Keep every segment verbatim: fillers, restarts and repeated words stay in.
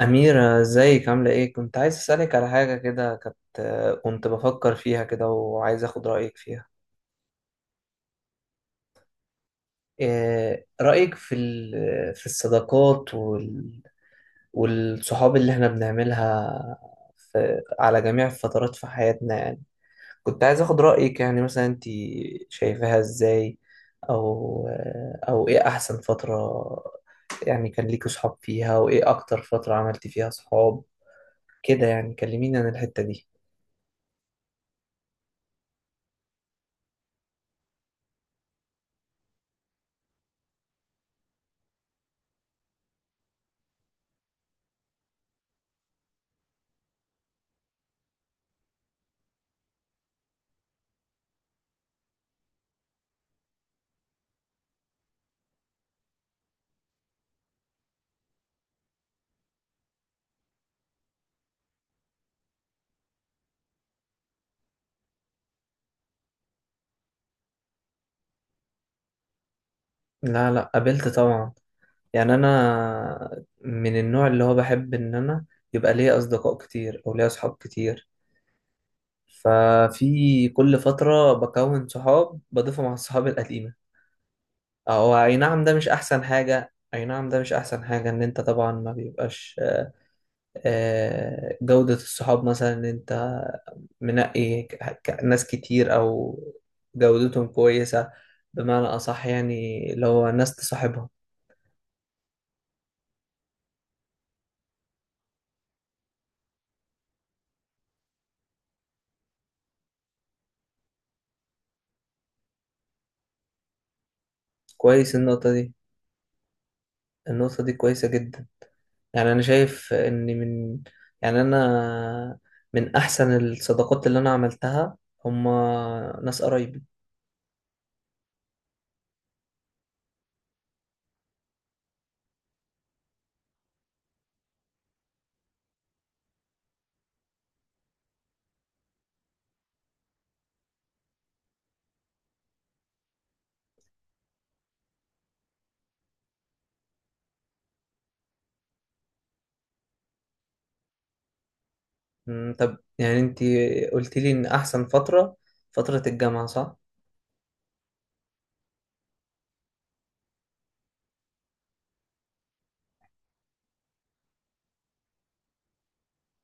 أميرة، ازيك؟ عاملة ايه؟ كنت عايز أسألك على حاجة كده. كنت كنت بفكر فيها كده، وعايز أخد رأيك فيها. إيه رأيك في ال- في الصداقات وال والصحاب اللي احنا بنعملها في على جميع الفترات في حياتنا؟ يعني كنت عايز أخد رأيك. يعني مثلا انت شايفاها ازاي؟ أو آه، أو ايه أحسن فترة يعني كان ليكوا صحاب فيها؟ وإيه أكتر فترة عملتي فيها صحاب كده؟ يعني كلميني عن الحتة دي. لا لا قابلت طبعا. يعني انا من النوع اللي هو بحب ان انا يبقى ليا اصدقاء كتير او ليا صحاب كتير. ففي كل فترة بكون صحاب بضيفهم على الصحاب القديمة. او اي نعم، ده مش احسن حاجة. اي نعم، ده مش احسن حاجة ان انت طبعا ما بيبقاش آه، جودة الصحاب. مثلا ان انت منقي ك- ك- ناس كتير، او جودتهم كويسة بمعنى اصح، يعني اللي هو ناس تصاحبها. كويس، النقطة دي. النقطة دي كويسة جدا. يعني أنا شايف إن من يعني أنا من أحسن الصداقات اللي أنا عملتها، هما ناس قرايبي. أمم، طب يعني أنتي قلت لي إن أحسن فترة فترة الجامعة، صح؟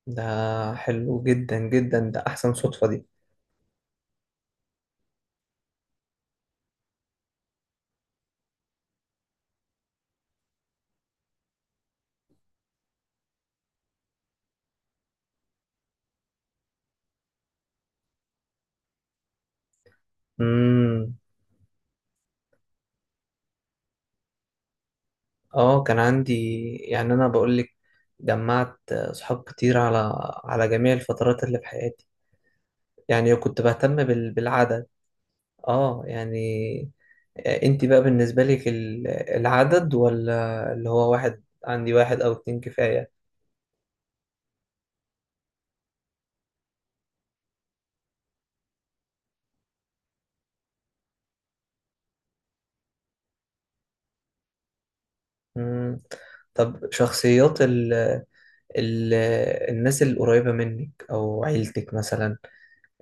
ده حلو جدا جدا، ده أحسن صدفة دي. أمم، آه كان عندي. يعني أنا بقول لك، جمعت صحاب كتير على على جميع الفترات اللي في حياتي. يعني كنت بهتم بال... بالعدد. آه يعني، آه، انت بقى بالنسبة لك ال- العدد، ولا اللي هو واحد؟ عندي واحد او اتنين كفاية. مم. طب شخصيات ال ال الناس القريبة منك او عيلتك مثلا،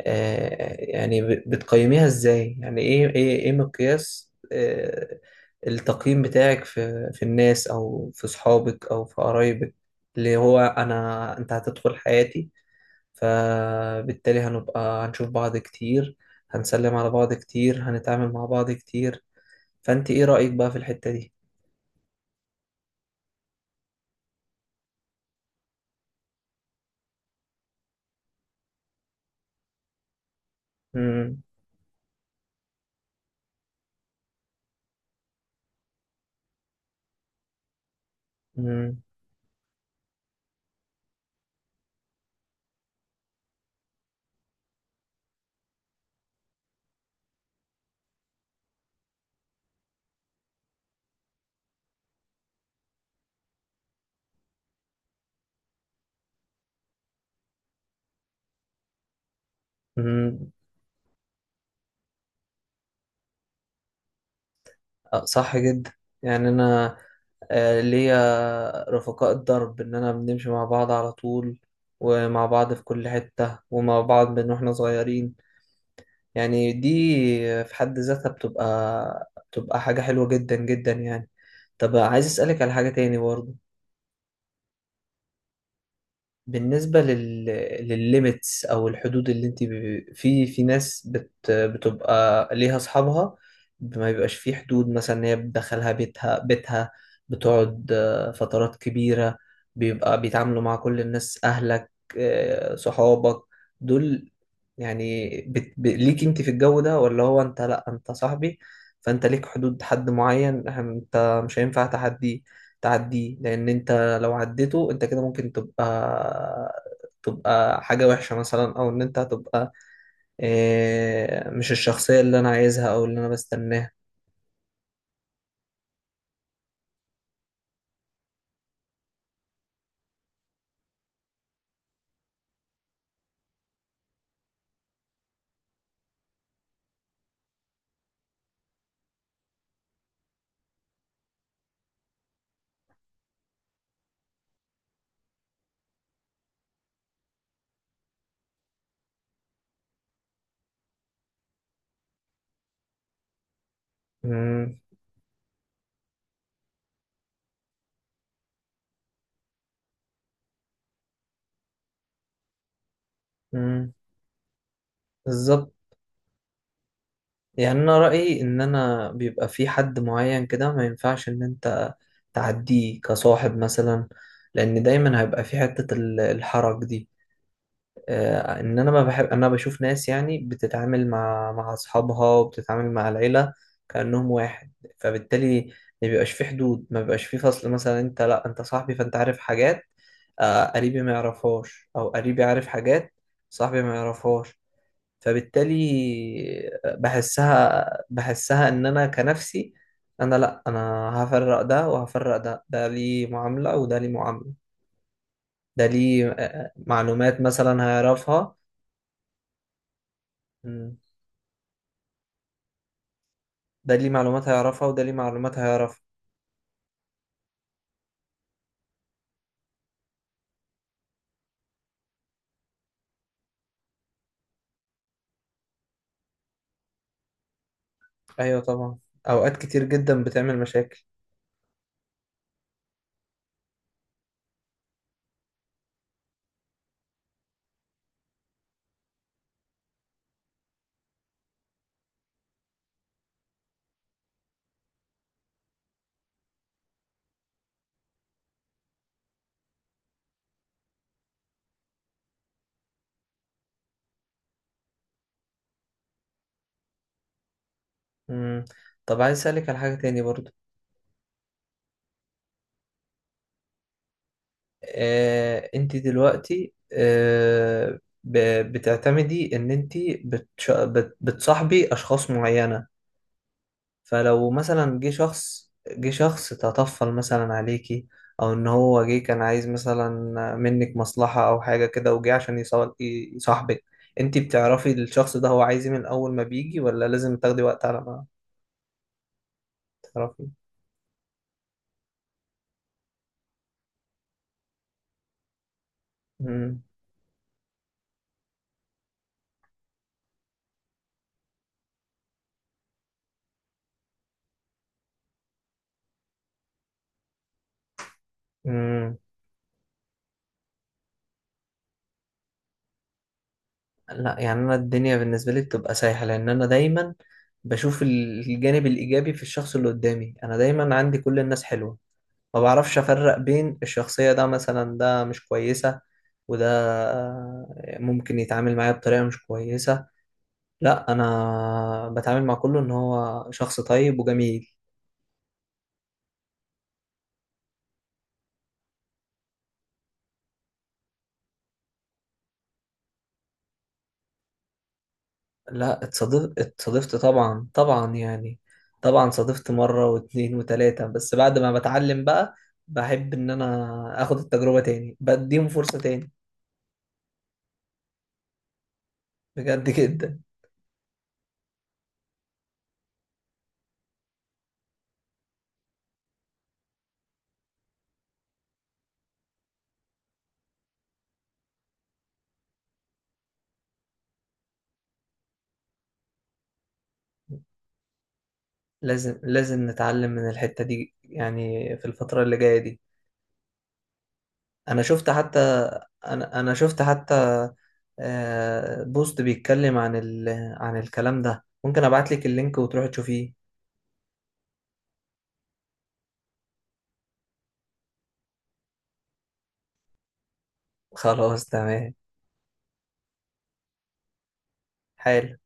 آه، يعني ب- بتقيميها ازاي؟ يعني ايه ايه ايه مقياس آه، التقييم بتاعك في في الناس او في صحابك او في قرايبك؟ اللي هو انا انت هتدخل حياتي، فبالتالي هنبقى هنشوف بعض كتير، هنسلم على بعض كتير، هنتعامل مع بعض كتير. فأنت إيه رأيك بقى في الحتة دي؟ مم. مم. مم. آه، صح جدا. يعني أنا آه، ليا رفقاء الدرب، إن أنا بنمشي مع بعض على طول، ومع بعض في كل حتة، ومع بعض من واحنا صغيرين. يعني دي في حد ذاتها بتبقى بتبقى حاجة حلوة جدا جدا يعني. طب عايز أسألك على حاجة تاني برضه. بالنسبة لل للليميتس أو الحدود اللي أنت ب...، في في ناس بت... بتبقى ليها أصحابها. ما بيبقاش في حدود مثلا، إن هي بتدخلها بيتها بيتها، بتقعد آه، فترات كبيرة، بيبقى بيتعاملوا مع كل الناس، أهلك آه، صحابك دول. يعني بت... ب... ليك أنت في الجو ده، ولا هو أنت لأ أنت صاحبي؟ فأنت ليك حدود، حد معين أنت مش هينفع تعدي تعديه. لأن أنت لو عديته انت كده ممكن تبقى تبقى حاجة وحشة مثلا، او ان انت هتبقى آه، مش الشخصية اللي انا عايزها او اللي انا بستناها. مم، مم، بالظبط. يعني انا رأيي ان انا بيبقى في حد معين كده ما ينفعش ان انت تعديه كصاحب مثلا. لان دايما هيبقى في حتة ال- الحرج دي، آه، ان انا ما بحب، انا بشوف ناس يعني بتتعامل مع مع اصحابها وبتتعامل مع العيله كانهم واحد. فبالتالي ما بيبقاش في حدود، ما بيبقاش في فصل مثلا، انت لا انت صاحبي فانت عارف حاجات آه، قريبي ما يعرفهاش، او قريبي عارف حاجات صاحبي ما يعرفهاش. فبالتالي بحسها بحسها ان انا كنفسي، انا لا انا هفرق ده وهفرق ده، ده ليه معامله وده ليه معامله، ده ليه آه، معلومات مثلا هيعرفها، ده ليه معلومات هيعرفها، وده ليه معلومات هيعرفها. ايوه طبعا، اوقات كتير جدا بتعمل مشاكل. مم. طب عايز اسالك على حاجه تاني برضو. آه، انت دلوقتي آه، ب- بتعتمدي ان انت بتش... بت... بتصاحبي اشخاص معينه. فلو مثلا جه شخص جه شخص تطفل مثلا عليكي، او ان هو جه كان عايز مثلا منك مصلحة او حاجة كده، وجه عشان يصو- يصاحبك، انتي بتعرفي الشخص ده هو عايز إيه من اول ما بيجي، ولا لازم تاخدي وقت على ما تعرفي؟ مم. مم. لا، يعني انا الدنيا بالنسبة لي بتبقى سايحة، لان انا دايما بشوف ال- الجانب الايجابي في الشخص اللي قدامي. انا دايما عندي كل الناس حلوة. ما بعرفش افرق بين الشخصية، ده مثلا ده مش كويسة، وده ممكن يتعامل معايا بطريقة مش كويسة. لا، انا بتعامل مع كله ان هو شخص طيب وجميل. لا اتصادف اتصادفت طبعا طبعا يعني. طبعا صادفت مرة واتنين وتلاتة، بس بعد ما بتعلم بقى، بحب ان انا اخد التجربة تاني، بديهم فرصة تاني. بجد جدا. لازم لازم نتعلم من الحتة دي، يعني في الفترة اللي جاية دي. انا شفت حتى انا انا شفت حتى آه، بوست بيتكلم عن ال... عن الكلام ده. ممكن ابعت لك اللينك وتروح تشوفيه. خلاص تمام. حلو.